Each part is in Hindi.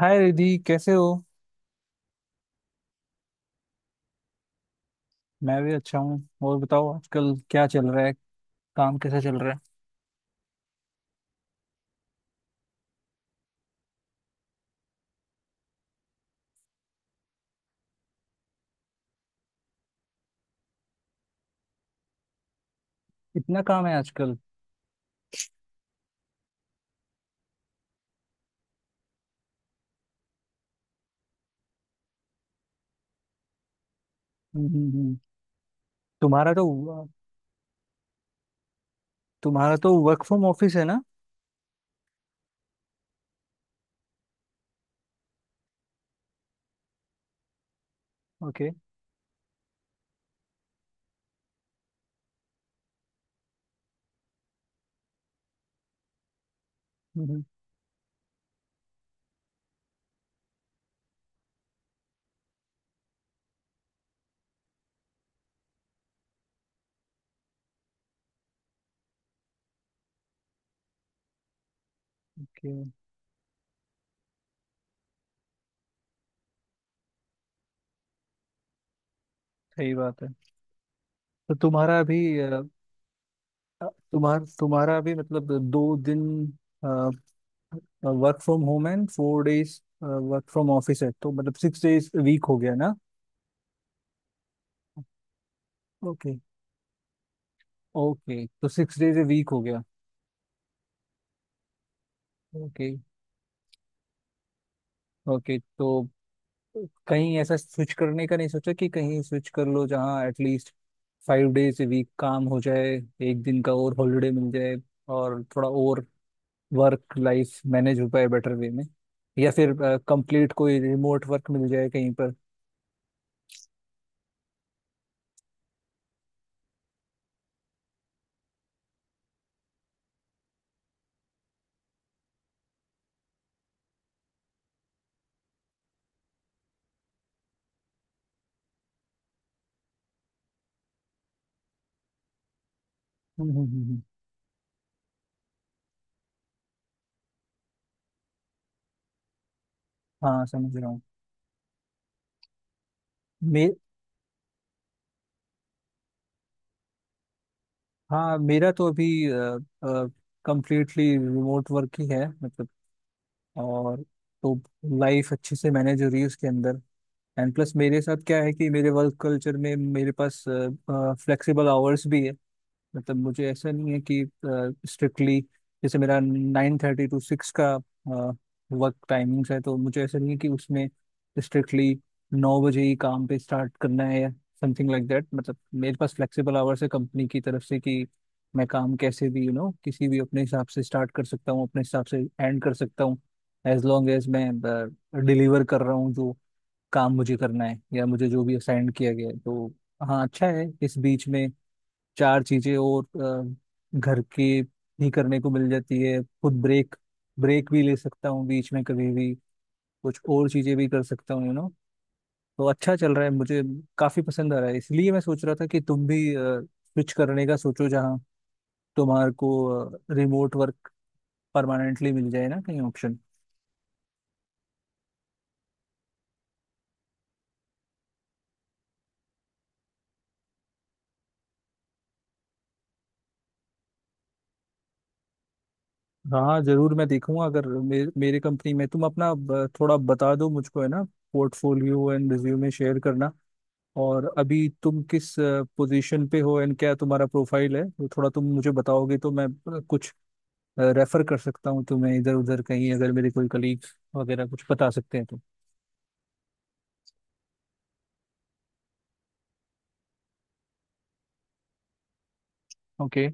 हाय रिधि, कैसे हो? मैं भी अच्छा हूँ। और बताओ, आजकल क्या चल रहा है? काम कैसा चल रहा है? इतना काम है आजकल? हम्म, तुम्हारा तो तुम्हारा तो वर्क फ्रॉम ऑफिस है ना? ओके। हम्म, ओके। सही बात है। तो तुम्हारा अभी मतलब 2 दिन work from home and 4 days work from office है, तो मतलब 6 days week हो गया ना? ओके। ओके, तो 6 days a week हो गया। ओके। ओके, तो कहीं ऐसा स्विच करने का नहीं सोचा कि कहीं स्विच कर लो जहाँ एटलीस्ट 5 days a week काम हो जाए, एक दिन का और हॉलीडे मिल जाए, और थोड़ा और वर्क लाइफ मैनेज हो पाए बेटर वे में, या फिर कंप्लीट कोई रिमोट वर्क मिल जाए कहीं पर। हम्म, हम्म, हाँ, समझ रहा हूँ। मे हाँ, मेरा तो अभी कंप्लीटली रिमोट वर्क ही है, मतलब। और तो लाइफ अच्छे से मैनेज हो रही है उसके अंदर। एंड प्लस मेरे साथ क्या है कि मेरे वर्क कल्चर में मेरे पास फ्लेक्सिबल आवर्स भी है। मतलब मुझे ऐसा नहीं है कि स्ट्रिक्टली, जैसे मेरा 9:30 to 6 का वर्क टाइमिंग्स है, तो मुझे ऐसा नहीं है कि उसमें स्ट्रिक्टली 9 बजे ही काम पे स्टार्ट करना है या समथिंग लाइक दैट, मतलब। मेरे पास फ्लेक्सिबल आवर्स है कंपनी की तरफ से, कि मैं काम कैसे भी यू you नो know, किसी भी अपने हिसाब से स्टार्ट कर सकता हूँ, अपने हिसाब से एंड कर सकता हूँ। एज लॉन्ग एज मैं डिलीवर कर रहा हूँ जो काम मुझे करना है या मुझे जो भी असाइन किया गया है तो। हाँ, अच्छा है। इस बीच में चार चीजें और घर के भी करने को मिल जाती है, खुद ब्रेक ब्रेक भी ले सकता हूँ बीच में कभी भी, कुछ और चीजें भी कर सकता हूँ। तो अच्छा चल रहा है, मुझे काफी पसंद आ रहा है। इसलिए मैं सोच रहा था कि तुम भी स्विच करने का सोचो जहाँ तुम्हारे को रिमोट वर्क परमानेंटली मिल जाए ना कहीं, ऑप्शन। हाँ, जरूर। मैं देखूंगा, अगर मेरे कंपनी में तुम अपना थोड़ा बता दो मुझको, है ना। पोर्टफोलियो एंड रिज्यूमे शेयर करना। और अभी तुम किस पोजीशन पे हो, एंड क्या तुम्हारा प्रोफाइल है, वो थोड़ा तुम मुझे बताओगे तो मैं कुछ रेफर कर सकता हूँ तुम्हें इधर उधर कहीं, अगर मेरे कोई कलीग वगैरह कुछ बता सकते हैं तो। ओके,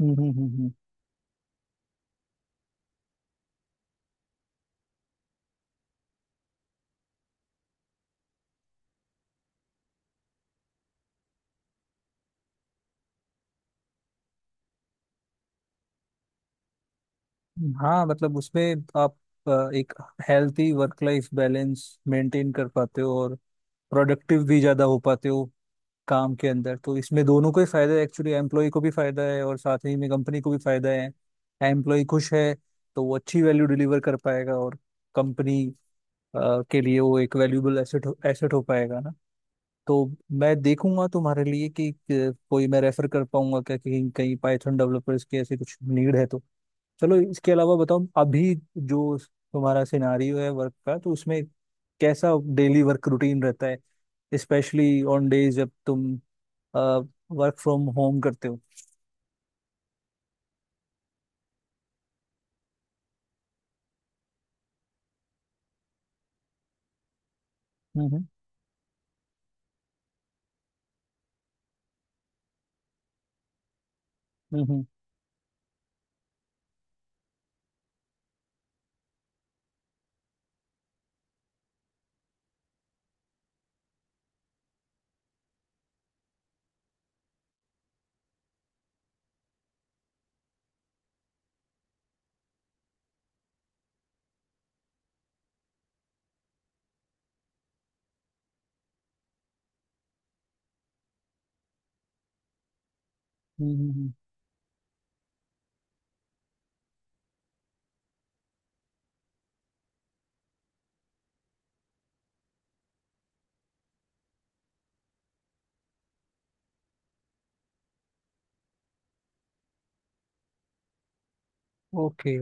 हम्म, हम्म, हम्म, हाँ, मतलब उसमें आप एक healthy work life balance maintain कर पाते हो और प्रोडक्टिव भी ज्यादा हो पाते हो काम के अंदर। तो इसमें दोनों को ही फायदा है एक्चुअली, एम्प्लॉय को भी फायदा है और साथ ही में कंपनी को भी फायदा है। एम्प्लॉय खुश है तो वो अच्छी वैल्यू डिलीवर कर पाएगा, और कंपनी के लिए वो एक वैल्यूबल एसेट एसेट हो पाएगा ना। तो मैं देखूंगा तुम्हारे लिए, कि कोई मैं रेफर कर पाऊंगा क्या, कहीं कहीं पाइथन डेवलपर्स की ऐसी कुछ नीड है तो। चलो, इसके अलावा बताओ, अभी जो तुम्हारा सिनारियो है वर्क का, तो उसमें कैसा डेली वर्क रूटीन रहता है, स्पेशली ऑन डेज जब तुम वर्क फ्रॉम होम करते हो? Hmm, hmm, hmm. ओके,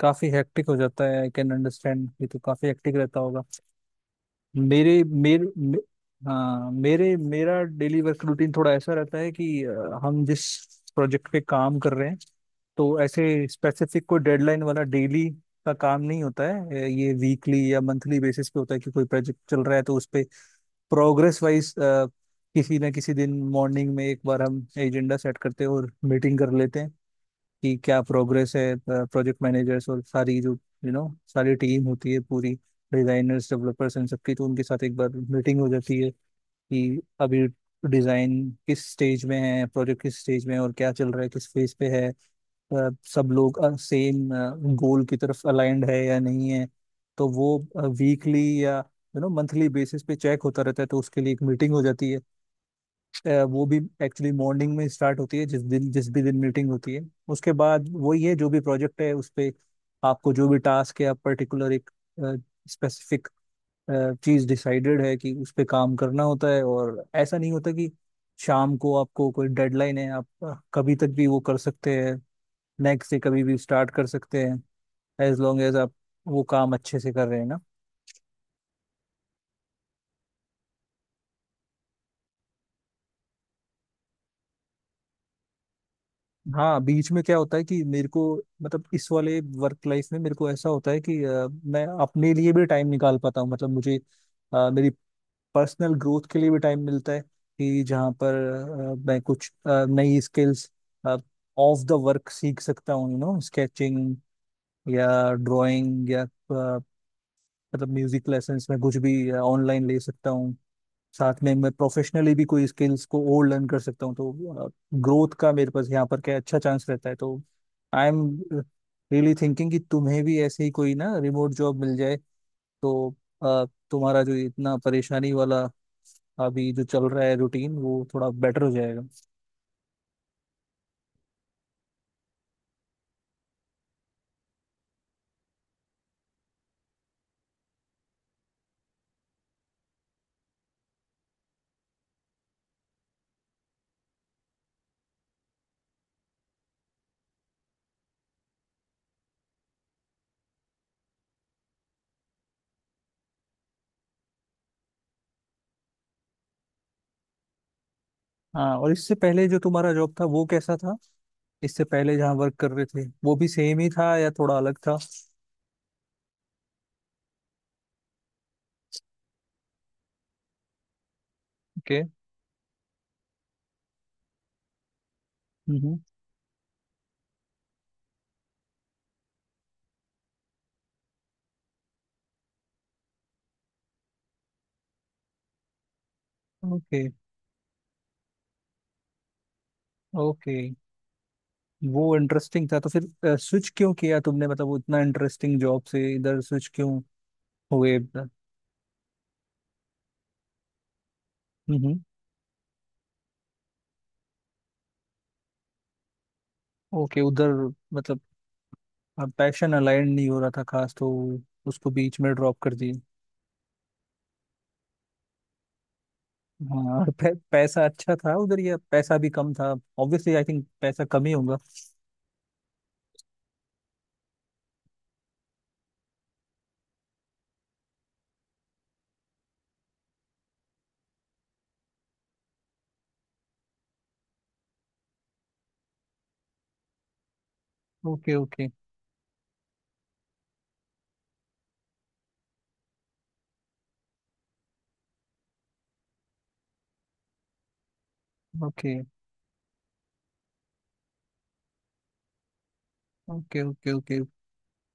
काफी हेक्टिक हो जाता है। आई कैन अंडरस्टैंड, ये तो काफी हेक्टिक रहता होगा। मेरे मेरे मे, हाँ, मेरे मेरा डेली वर्क रूटीन थोड़ा ऐसा रहता है कि हम जिस प्रोजेक्ट पे काम कर रहे हैं, तो ऐसे स्पेसिफिक कोई डेडलाइन वाला डेली का काम नहीं होता है, ये वीकली या मंथली बेसिस पे होता है कि कोई प्रोजेक्ट चल रहा है, तो उस पे प्रोग्रेस वाइज किसी ना किसी दिन मॉर्निंग में एक बार हम एजेंडा सेट करते हैं और मीटिंग कर लेते हैं कि क्या प्रोग्रेस है। प्रोजेक्ट मैनेजर्स और सारी जो यू नो सारी टीम होती है पूरी, डिजाइनर्स, डेवलपर्स, इन सबकी, तो उनके साथ एक बार मीटिंग हो जाती है, कि अभी डिजाइन किस स्टेज में है, प्रोजेक्ट किस स्टेज में है, और क्या चल रहा है, किस फेज पे है, सब लोग सेम गोल की तरफ अलाइंड है या नहीं है। तो वो वीकली या मंथली बेसिस पे चेक होता रहता है, तो उसके लिए एक मीटिंग हो जाती है। वो भी एक्चुअली मॉर्निंग में स्टार्ट होती है जिस भी दिन मीटिंग होती है। उसके बाद वही है, जो भी प्रोजेक्ट है उस पे आपको जो भी टास्क है, आप पर्टिकुलर एक स्पेसिफिक चीज डिसाइडेड है कि उस पे काम करना होता है। और ऐसा नहीं होता कि शाम को आपको कोई डेडलाइन है, आप कभी तक भी वो कर सकते हैं, नेक्स्ट डे कभी भी स्टार्ट कर सकते हैं, एज लॉन्ग एज आप वो काम अच्छे से कर रहे हैं ना। हाँ, बीच में क्या होता है कि मेरे को, मतलब इस वाले वर्क लाइफ में मेरे को ऐसा होता है कि मैं अपने लिए भी टाइम निकाल पाता हूँ, मतलब मुझे मेरी पर्सनल ग्रोथ के लिए भी टाइम मिलता है कि जहाँ पर मैं कुछ नई स्किल्स ऑफ द वर्क सीख सकता हूँ, स्केचिंग या ड्राइंग या मतलब म्यूजिक लेसन्स में कुछ भी ऑनलाइन ले सकता हूँ। साथ में मैं प्रोफेशनली भी कोई स्किल्स को और लर्न कर सकता हूँ, तो ग्रोथ का मेरे पास यहाँ पर क्या अच्छा चांस रहता है। तो आई एम रियली थिंकिंग कि तुम्हें भी ऐसे ही कोई ना रिमोट जॉब मिल जाए, तो अ, तुम्हारा जो इतना परेशानी वाला अभी जो चल रहा है रूटीन, वो थोड़ा बेटर हो जाएगा। हाँ, और इससे पहले जो तुम्हारा जॉब था वो कैसा था? इससे पहले जहाँ वर्क कर रहे थे वो भी सेम ही था या थोड़ा अलग था? ओके। हम्म। ओके। ओके, वो इंटरेस्टिंग था, तो फिर स्विच क्यों किया तुमने, मतलब वो इतना इंटरेस्टिंग जॉब से इधर स्विच क्यों हो गए? हम्म। ओके, उधर मतलब पैशन अलाइन नहीं हो रहा था खास, तो उसको बीच में ड्रॉप कर दिए। हाँ और पैसा अच्छा था उधर या पैसा भी कम था? ऑब्वियसली आई थिंक पैसा कम ही होगा। Okay, okay, okay, okay, okay, okay.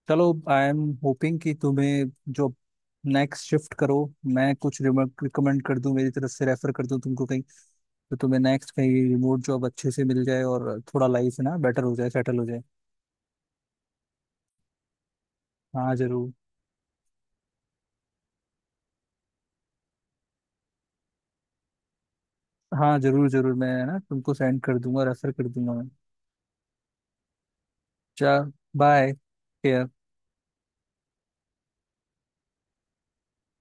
चलो, आई एम होपिंग कि तुम्हें जो नेक्स्ट शिफ्ट करो, मैं कुछ रिकमेंड कर दूं मेरी तरफ से, रेफर कर दूं तुमको कहीं, तो तुम्हें नेक्स्ट कहीं रिमोट जॉब अच्छे से मिल जाए और थोड़ा लाइफ ना बेटर हो जाए, सेटल हो जाए। हाँ, जरूर। हाँ, जरूर, जरूर। मैं ना तुमको सेंड कर दूंगा, रेफर कर दूंगा मैं। चल, बाय।